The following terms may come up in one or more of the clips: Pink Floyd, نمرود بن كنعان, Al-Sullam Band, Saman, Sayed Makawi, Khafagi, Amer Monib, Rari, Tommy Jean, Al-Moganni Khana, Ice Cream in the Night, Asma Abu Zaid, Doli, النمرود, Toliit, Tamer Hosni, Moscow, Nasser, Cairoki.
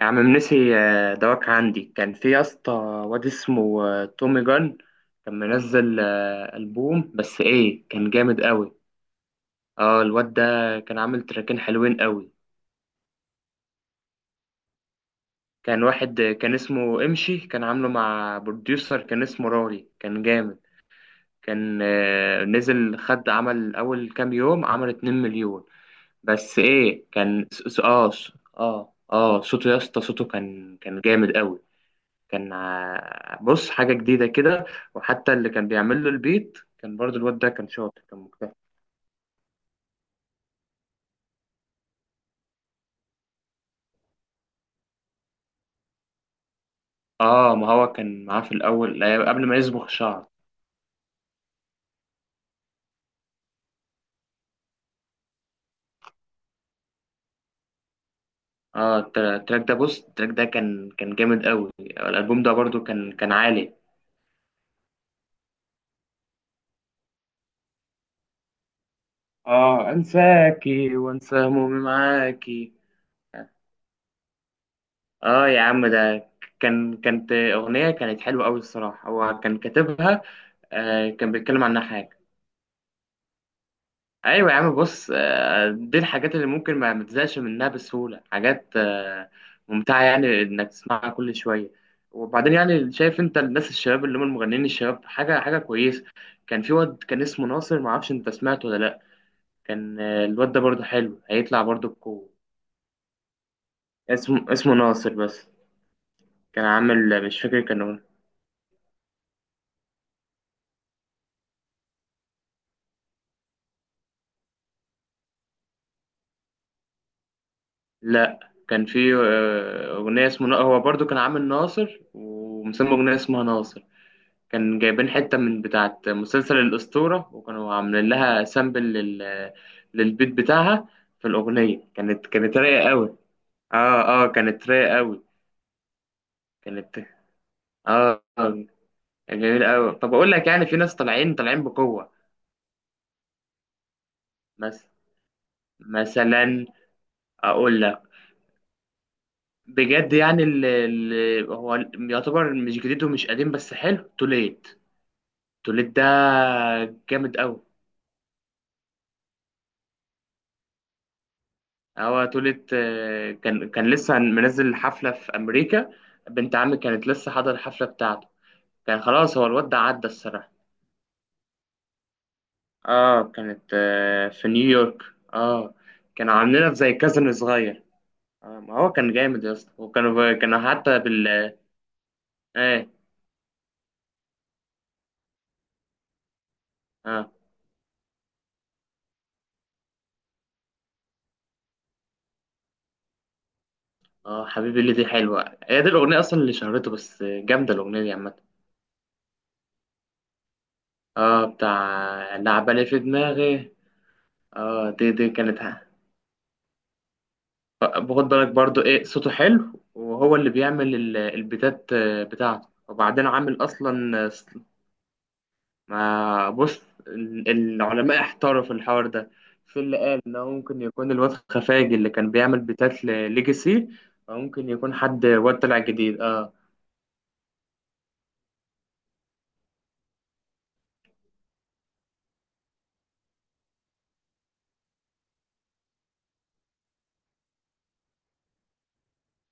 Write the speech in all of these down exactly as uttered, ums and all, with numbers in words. يا عم منسي، آه، دواك عندي كان في يا اسطى. واد اسمه آه، تومي جان. كان منزل آه، ألبوم، بس ايه كان جامد قوي. اه، الواد ده كان عامل تراكين حلوين قوي. كان واحد آه، كان اسمه امشي، كان عامله مع بروديوسر كان اسمه راري، كان جامد. كان آه، نزل، خد عمل اول كام يوم عمل 2 مليون. بس ايه كان س- س- اه اه اه صوته يا اسطى، صوته كان كان جامد قوي. كان ع- بص، حاجة جديدة كده. وحتى اللي كان بيعمل له البيت كان برضو الواد ده كان شاطر، كان مجتهد. اه، ما هو كان معاه في الأول قبل ما يصبغ شعر. اه، التر- التراك ده، بص، التراك ده كان كان جامد قوي، الألبوم ده برضو كان كان عالي. اه، انساكي وانسى همومي معاكي. اه يا عم ده، كان كانت أغنية، كانت حلوة قوي الصراحة، هو كان كاتبها. آه كان بيتكلم عنها حاجة. ايوه يا عم، بص، آه، دي الحاجات اللي ممكن ما ما تزهقش منها بسهوله، حاجات آه، ممتعه، يعني انك تسمعها كل شويه. وبعدين يعني شايف انت الناس الشباب اللي هم المغنيين الشباب، حاجه حاجه كويسه. كان في واد كان اسمه ناصر، ما اعرفش انت سمعته ولا لا. كان آه، الواد ده برضه حلو، هيطلع برضه بقوه. اسمه اسمه ناصر بس، كان عامل مش فاكر كان. لا، كان في آه، اغنيه، اسمه هو برضه كان عامل ناصر ومسمى اغنيه اسمها ناصر. كان جايبين حتة من بتاعة مسلسل الأسطورة، وكانوا عاملين لها سامبل لل... للبيت بتاعها. في الأغنية كانت كانت رايقة أوي. اه، اه، كانت رايقة أوي. كانت اه آه، جميل أوي. طب أقول لك، يعني في ناس طالعين طالعين بقوة. مثلا مثلا، أقول لك بجد، يعني اللي هو يعتبر مش جديد ومش قديم، بس حلو، توليت. توليت ده جامد أوي. هو تولت آه، كان كان لسه منزل حفلة في أمريكا. بنت عمي كانت لسه حاضرة الحفلة بتاعته. كان خلاص، هو الواد ده عدى الصراحة. اه، كانت آه، في نيويورك. اه، كانوا عاملينها في زي كازن صغير. آه، ما هو كان جامد يا اسطى، وكانوا كانوا حتى بال اه اه اه حبيبي اللي دي حلوة، هي دي الأغنية أصلا اللي شهرته، بس جامدة الأغنية دي عامة. اه، بتاع لعبة لي في دماغي. اه، دي دي كانت. باخد بالك برضو ايه صوته حلو، وهو اللي بيعمل ال- البيتات آه، بتاعته. وبعدين عامل اصلا آه، ص- ما بص، ال- العلماء احتاروا في الحوار ده. في اللي قال انه ممكن يكون الواد خفاجي اللي كان بيعمل بيتات لليجاسي، او ممكن يكون حد واد طلع جديد اه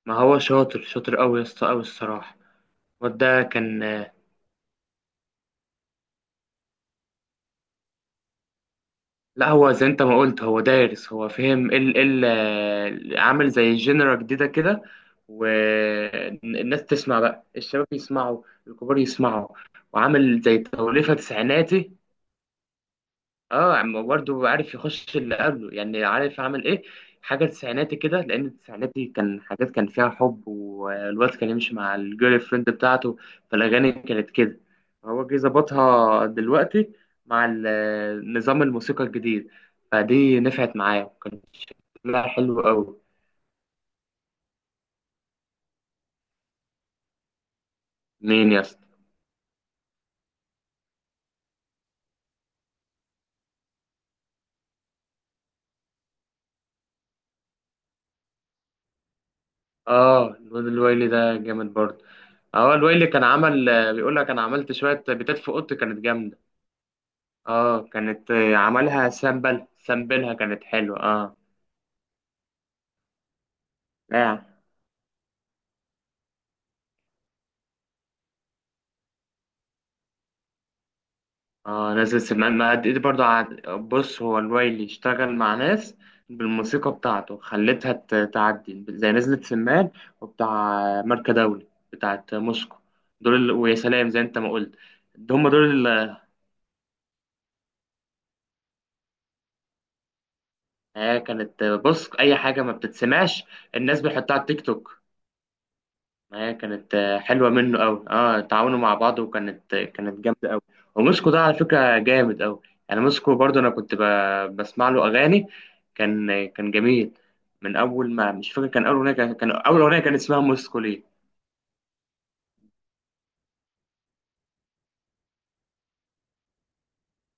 ما هو شاطر، شاطر قوي يا اسطى، قوي الصراحه. الواد ده كان. لا، هو زي انت ما قلت، هو دارس، هو فهم ال إيه ال، آه، عامل زي جنرا جديدة كده. والناس تسمع بقى، الشباب يسمعوا، الكبار يسمعوا، وعامل زي توليفة تسعيناتي. اه، عم برضه عارف يخش اللي قبله، يعني عارف عامل ايه. حاجه تسعيناتي كده، لان التسعيناتي كان حاجات كان فيها حب، والواد كان يمشي مع الجيرل فريند بتاعته، فالاغاني كانت كده. هو جه ظبطها دلوقتي مع ال- نظام الموسيقى الجديد، فدي نفعت معايا وكان شكلها حلو قوي. مين يا اسطى؟ اه، الواد الويلي ده جامد برضه. اه، الويلي كان عمل، بيقول لك انا عملت شويه بيتات في اوضتي كانت جامده. اه، كانت آه، عملها سامبل سامبلها كانت حلوة، اه. لا، اه، نزل سمان، ما دي برضه عاد- بص، هو الوايلي اشتغل مع ناس بالموسيقى بتاعته خلتها ت- تعدي زي نزلة سمان، وبتاع ماركة دولي بتاعت موسكو، دول ال- ويا سلام زي انت ما قلت. هم دول اللي كانت آه، كانت، بص، اي حاجة ما بتتسمعش، الناس بيحطها على التيك توك. ما هي كانت آه، حلوة منه أوي، اه، تعاونوا مع بعض، وكانت آه، كانت جامدة أوي. وموسكو ده على فكرة جامد أوي، يعني موسكو برضو أنا كنت ب- بسمع له أغاني. كان آه، كان جميل. من أول ما مش فاكر كان أول أغنية كان, كان أول أغنية كان اسمها موسكو ليه.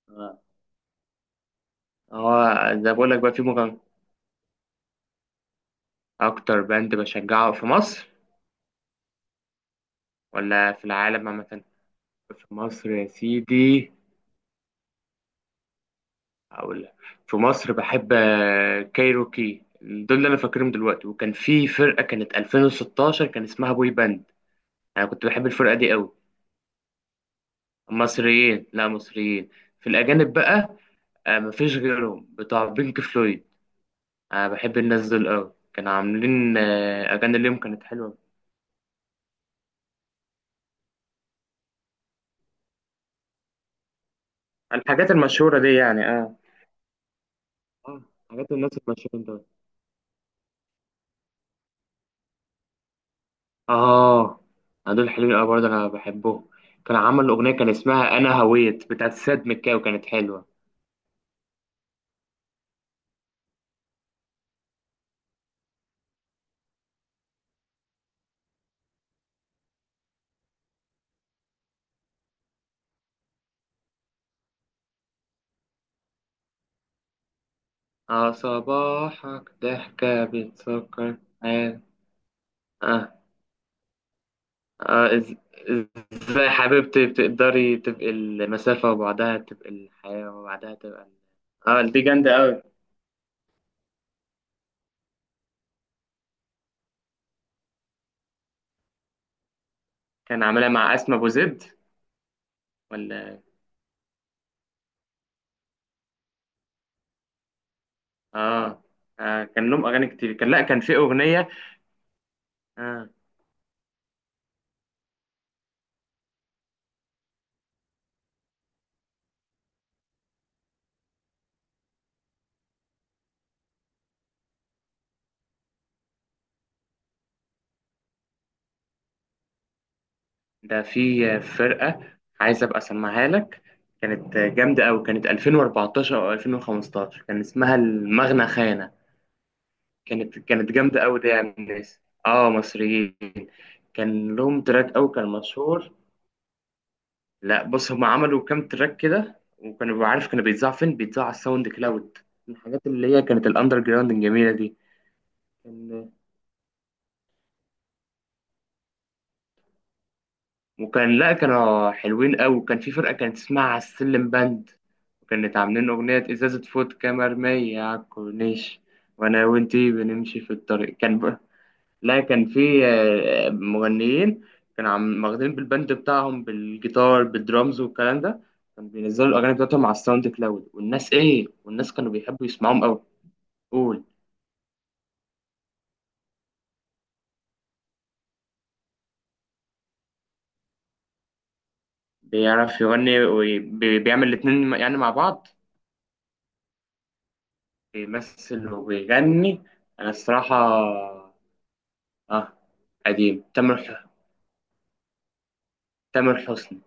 آه. هو زي ما بقول لك بقى في مغني. أكتر باند بشجعه في مصر، ولا في العالم عامة؟ في مصر يا سيدي. هقول لك. في مصر بحب آه، كايروكي، دول اللي انا فاكرهم دلوقتي. وكان في فرقه كانت ألفين وستاشر كان اسمها بوي باند، انا كنت بحب الفرقه دي قوي. مصريين، لا، مصريين. في الاجانب بقى، آه، مفيش غيرهم بتوع بينك فلويد، انا بحب الناس دول قوي. كانوا عاملين آه، اغاني ليهم كانت حلوه. الحاجات المشهوره دي يعني، اه. اه، حاجات الناس المشهوره دول. اه، آه، دول حلوين قوي برضه، انا بحبهم. كان عمل اغنيه كان اسمها انا هويت بتاعت سيد مكاوي، كانت حلوه. اه، صباحك ضحكة بتسكر حال. اه، اه إز... ازاي حبيبتي بتقدري تبقي المسافة، وبعدها تبقى الحياة، وبعدها تبقى ال... اه، دي جامدة أوي. كان عاملها مع أسماء أبو زيد. ولا، اه، آه، كان لهم أغاني كتير، كان لأ، كان في أغنية. اه، ده في فرقة، عايز أبقى أسمعها لك، كانت جامدة أوي، كانت ألفين واربعتاشر أو ألفين وخمستاشر كان اسمها المغنى خانة. كانت كانت جامدة أوي دي يا الناس. اه، مصريين. كان لهم تراك أوي كان مشهور. لا، بص، هم عملوا كام تراك كده، وكانوا عارف كانوا بيتذاعوا فين؟ بيتذاعوا على الساوند كلاود، من الحاجات اللي هي كانت الأندر جراوند الجميلة دي. كان. وكان لا، كانوا حلوين أوي، وكان في فرقة كانت اسمها السلم باند، وكانت عاملين أغنية إزازة فودكا مرمية على الكورنيش، وأنا وأنتي بنمشي في الطريق كان. لا كان في آه، مغنيين كانوا عم واخدين بالبند بتاعهم، بالجيتار، بالدرامز والكلام ده، كانوا بينزلوا الأغاني بتاعتهم على الساوند كلاود، والناس إيه، والناس كانوا بيحبوا يسمعوهم أوي. قول. بيعرف يغني وبيعمل الاتنين يعني مع بعض، بيمثل وبيغني. أنا الصراحة، آه، قديم تامر ح- تامر حسني.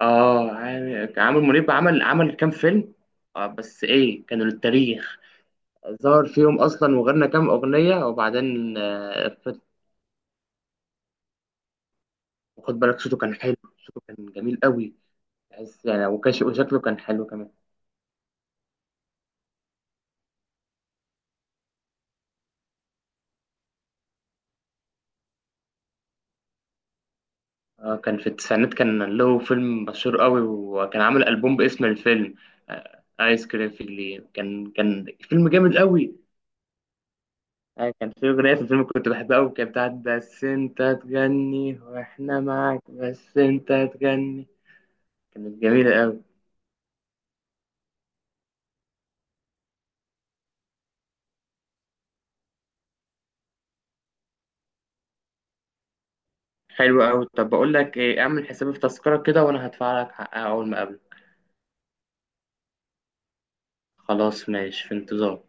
آه، عامر عامر منيب، عمل عمل كام فيلم. آه بس إيه، كانوا للتاريخ. ظهر فيهم اصلا وغنى كام اغنيه، وبعدين آه، فت- خد بالك صوته كان حلو، صوته كان جميل قوي. تحس يعني، وكان ش- وشكله كان حلو كمان. آه، كان في التسعينات كان له فيلم مشهور قوي، وكان عامل البوم باسم الفيلم. آه، ايس كريم في الليل، كان كان فيلم جامد قوي. آه، كان في اغنيه في الفيلم كنت بحبها قوي، كانت بتاعت بس انت تغني واحنا معاك، بس انت تغني، كانت جميله قوي. حلو قوي، طب بقول لك ايه، اعمل حسابي في تذكره كده، وانا هدفع لك حقها اول ما اقابلك. خلاص ماشي، في انتظار.